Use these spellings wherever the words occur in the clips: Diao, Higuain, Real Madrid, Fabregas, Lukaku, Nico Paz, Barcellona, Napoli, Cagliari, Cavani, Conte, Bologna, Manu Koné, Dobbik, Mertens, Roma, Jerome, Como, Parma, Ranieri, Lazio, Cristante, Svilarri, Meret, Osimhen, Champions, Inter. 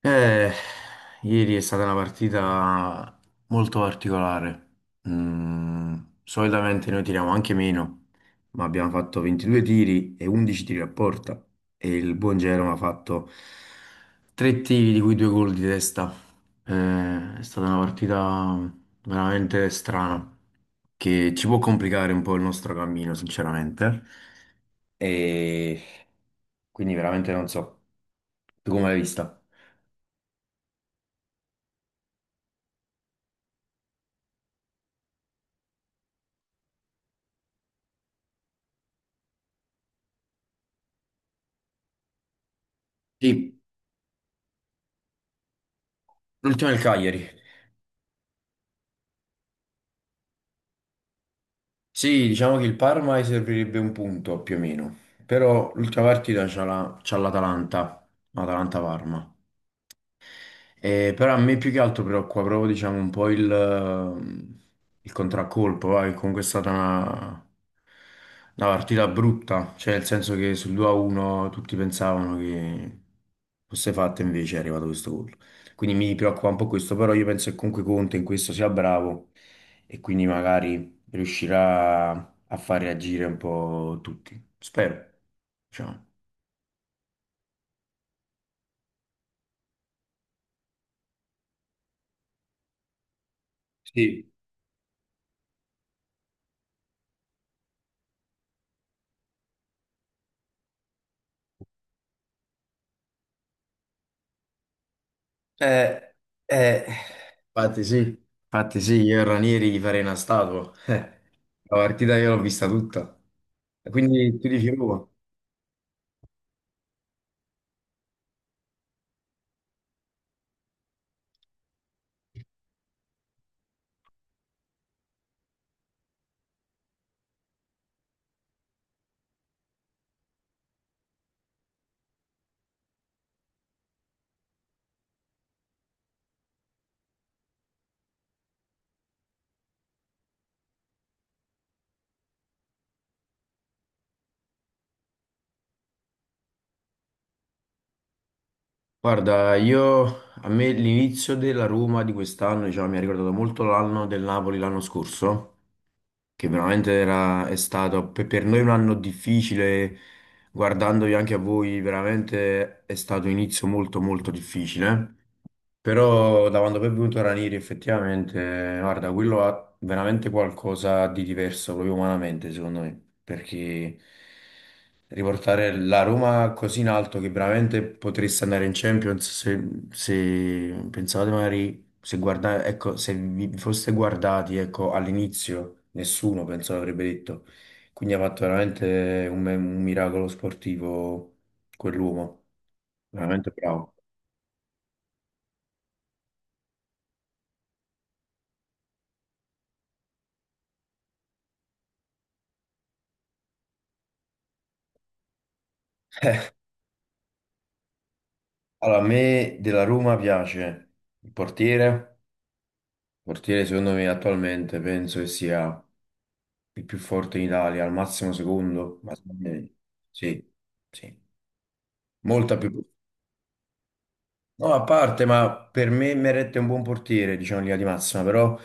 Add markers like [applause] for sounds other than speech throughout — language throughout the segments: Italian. Eh, Ieri è stata una partita molto particolare. Mm, solitamente noi tiriamo anche meno, ma abbiamo fatto 22 tiri e 11 tiri a porta. E il buon Jerome ha fatto tre tiri, di cui due gol di testa. È stata una partita veramente strana, che ci può complicare un po' il nostro cammino, sinceramente. E quindi veramente non so. Tu come l'hai vista? Sì. L'ultima è il Cagliari. Sì, diciamo che il Parma gli servirebbe un punto più o meno, però l'ultima partita c'ha l'Atalanta, Atalanta-Parma. Però a me più che altro preoccupa proprio, diciamo, un po' il contraccolpo, va, che comunque è stata una partita brutta, cioè nel senso che sul 2-1 tutti pensavano che fosse fatta, invece è arrivato questo gol. Quindi mi preoccupa un po' questo, però io penso che comunque Conte in questo sia bravo e quindi magari riuscirà a far reagire un po' tutti. Spero, diciamo. Sì. Eh, eh, Infatti sì, infatti sì, io e Ranieri gli farei una statua. [laughs] La partita io l'ho vista tutta. E quindi tu dici Roma. Guarda, io a me l'inizio della Roma di quest'anno, diciamo, mi ha ricordato molto l'anno del Napoli l'anno scorso, che veramente era, è stato per noi un anno difficile, guardandovi anche a voi, veramente è stato un inizio molto molto difficile. Però da quando poi è venuto Ranieri effettivamente, guarda, quello ha veramente qualcosa di diverso proprio umanamente, secondo me, perché riportare la Roma così in alto che veramente potreste andare in Champions se pensavate magari se guarda- ecco, se vi foste guardati, ecco, all'inizio nessuno penso l'avrebbe detto. Quindi ha fatto veramente un miracolo sportivo quell'uomo, veramente bravo. Allora, a me della Roma piace il portiere. Il portiere, secondo me, attualmente penso che sia il più forte in Italia, al massimo secondo. Ma secondo me sì, sì, molta più. No, a parte, ma per me Meret è un buon portiere, diciamo in linea di massima, però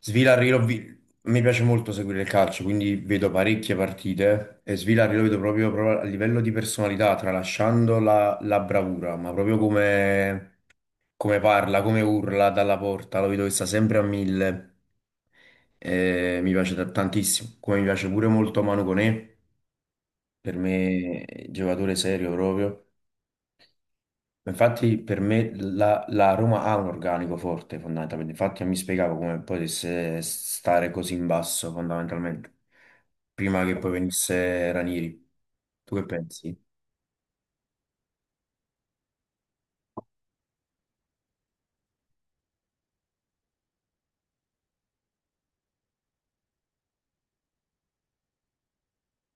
Svilarri l'ho vi- mi piace molto seguire il calcio, quindi vedo parecchie partite e Svilarri lo vedo proprio, proprio a livello di personalità, tralasciando la bravura, ma proprio come parla, come urla dalla porta, lo vedo che sta sempre a mille, mi piace tantissimo, come mi piace pure molto Manu Koné, per me è un giocatore serio proprio, infatti per me la Roma ha un organico forte fondamentalmente, infatti non mi spiegavo come potesse stare così in basso fondamentalmente, prima che poi venisse Ranieri, tu che pensi?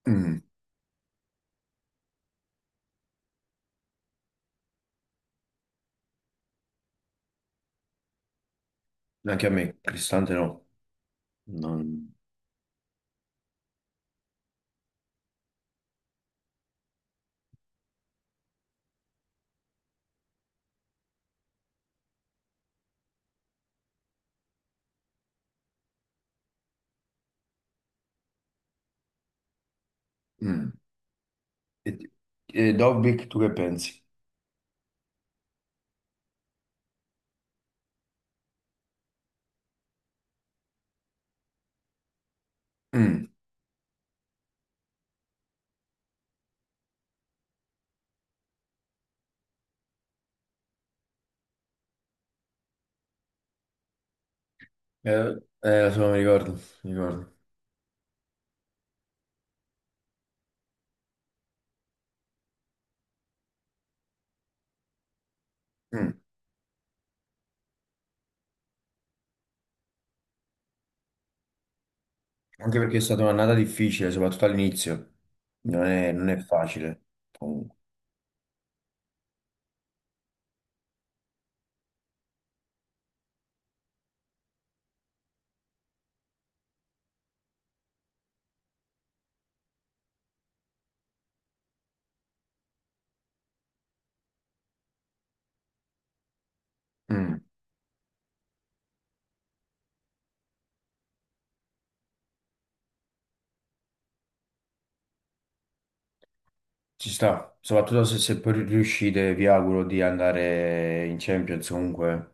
Mm, Anche a me, Cristante no, non... mm. E, e Dobbik, tu che pensi? Mm. Lo so, mi ricordo, mi ricordo. Mm. Anche perché è stata un'annata difficile, soprattutto all'inizio. Non è facile. Comunque. Mm. Ci sta, soprattutto se poi riuscite, vi auguro di andare in Champions comunque. Eh.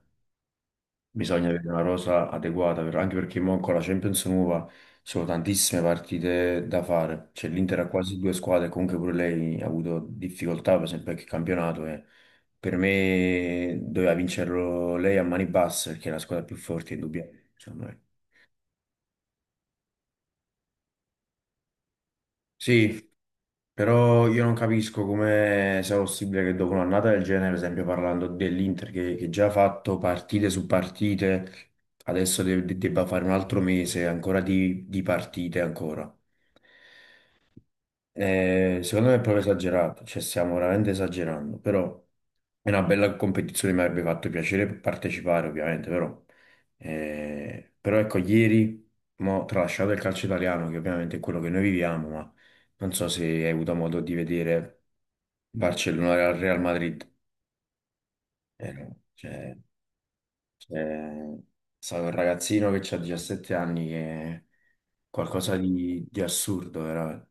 Bisogna avere una rosa adeguata, anche perché mo con la Champions nuova sono tantissime partite da fare. Cioè, l'Inter ha quasi due squadre, comunque pure lei ha avuto difficoltà, per esempio, anche il campionato. E per me doveva vincerlo lei a mani basse, perché è la squadra più forte, indubbiamente, secondo me. Sì, però io non capisco come sia possibile che dopo un'annata del genere, per esempio parlando dell'Inter che già ha fatto partite su partite, adesso debba fare un altro mese ancora di partite ancora. Secondo me è proprio esagerato, cioè stiamo veramente esagerando, però è una bella competizione, mi avrebbe fatto piacere partecipare ovviamente, però ecco, ieri, mo, tralasciato il calcio italiano, che ovviamente è quello che noi viviamo, ma non so se hai avuto modo di vedere Barcellona Real Madrid. No, cioè, c'è stato un ragazzino che ha 17 anni che è qualcosa di assurdo, veramente.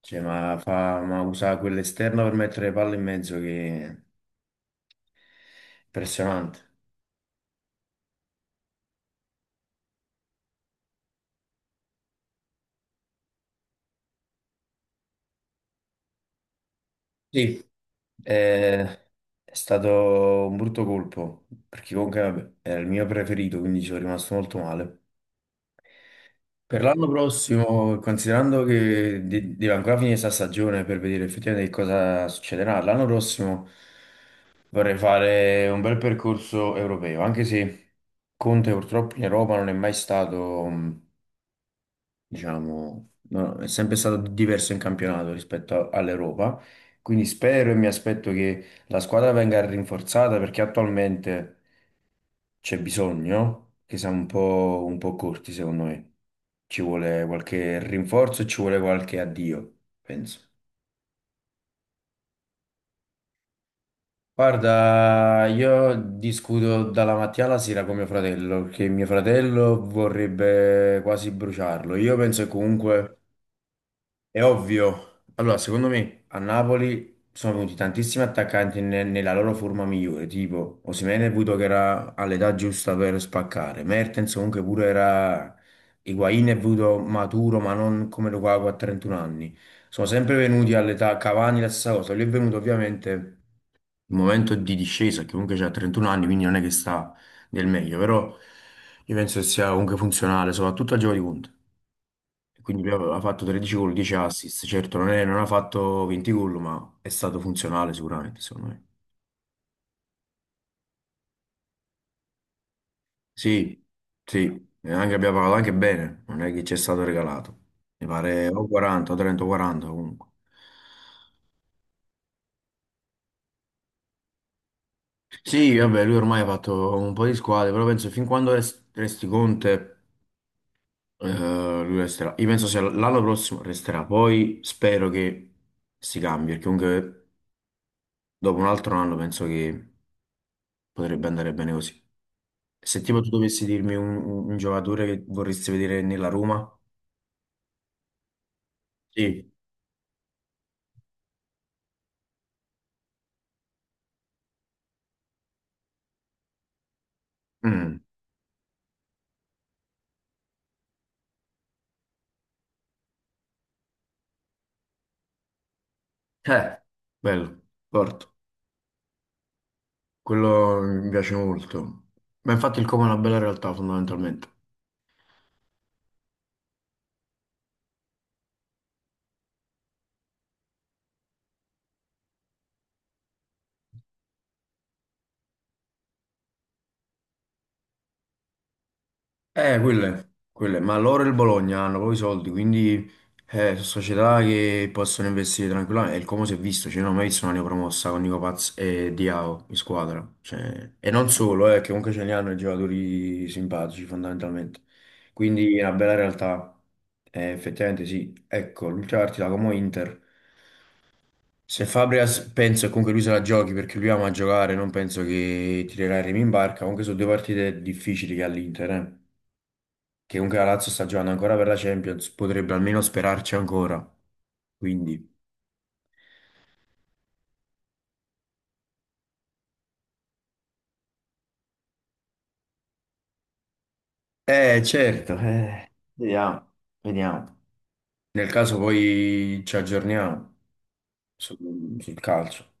Cioè, ma usa quell'esterno per mettere le palle in mezzo che è impressionante. Sì, eh, è stato un brutto colpo, perché comunque vabbè, era il mio preferito, quindi ci sono rimasto molto male. Per l'anno prossimo, considerando che deve ancora finire questa stagione per vedere effettivamente che cosa succederà, l'anno prossimo vorrei fare un bel percorso europeo, anche se Conte purtroppo in Europa non è mai stato, diciamo, no, è sempre stato diverso in campionato rispetto all'Europa, quindi spero e mi aspetto che la squadra venga rinforzata perché attualmente c'è bisogno, che siamo un po' corti secondo me. Ci vuole qualche rinforzo e ci vuole qualche addio, penso. Guarda, io discuto dalla mattina alla sera con mio fratello, perché mio fratello vorrebbe quasi bruciarlo. Io penso che comunque. È ovvio. Allora, secondo me a Napoli sono venuti tantissimi attaccanti nella loro forma migliore, tipo Osimhen è venuto che era all'età giusta per spaccare, Mertens comunque pure era. Higuain è venuto maturo, ma non come Lukaku a 31 anni. Sono sempre venuti all'età, Cavani la stessa cosa. Lui è venuto ovviamente il momento di discesa, che comunque c'ha 31 anni, quindi non è che sta nel meglio, però io penso che sia comunque funzionale, soprattutto a gioco di punta. Quindi lui aveva fatto 13 gol, 10 assist. Certo, non ha fatto 20 gol, ma è stato funzionale sicuramente, secondo me. Sì, sì, e anche, abbiamo pagato anche bene, non è che ci è stato regalato. Mi pare o 40, o 30, o 40 comunque. Sì, vabbè, lui ormai ha fatto un po' di squadre, però penso fin quando resti Conte, eh, lui resterà. Io penso sia l'anno prossimo resterà, poi spero che si cambi, perché comunque dopo un altro anno penso che potrebbe andare bene così. Se tipo tu dovessi dirmi un giocatore che vorresti vedere nella Roma, sì. Mm. Eh, bello, forte. Quello mi piace molto. Ma infatti il Como è una bella realtà fondamentalmente. Ma loro e il Bologna hanno proprio i soldi, quindi sono società che possono investire tranquillamente. E il Como si è visto, cioè, io non ho mai visto una neopromossa con Nico Paz e Diao in squadra. Cioè, e non solo, che comunque ce ne hanno i giocatori simpatici fondamentalmente. Quindi è una bella realtà. Effettivamente sì. Ecco, l'ultima partita Como Inter. Se Fabregas penso che comunque lui se la giochi perché lui ama giocare, non penso che tirerà il remi in barca, comunque sono due partite difficili che ha l'Inter, che comunque la Lazio sta giocando ancora per la Champions, potrebbe almeno sperarci ancora. Quindi, certo, vediamo, vediamo. Nel caso poi ci aggiorniamo sul calcio.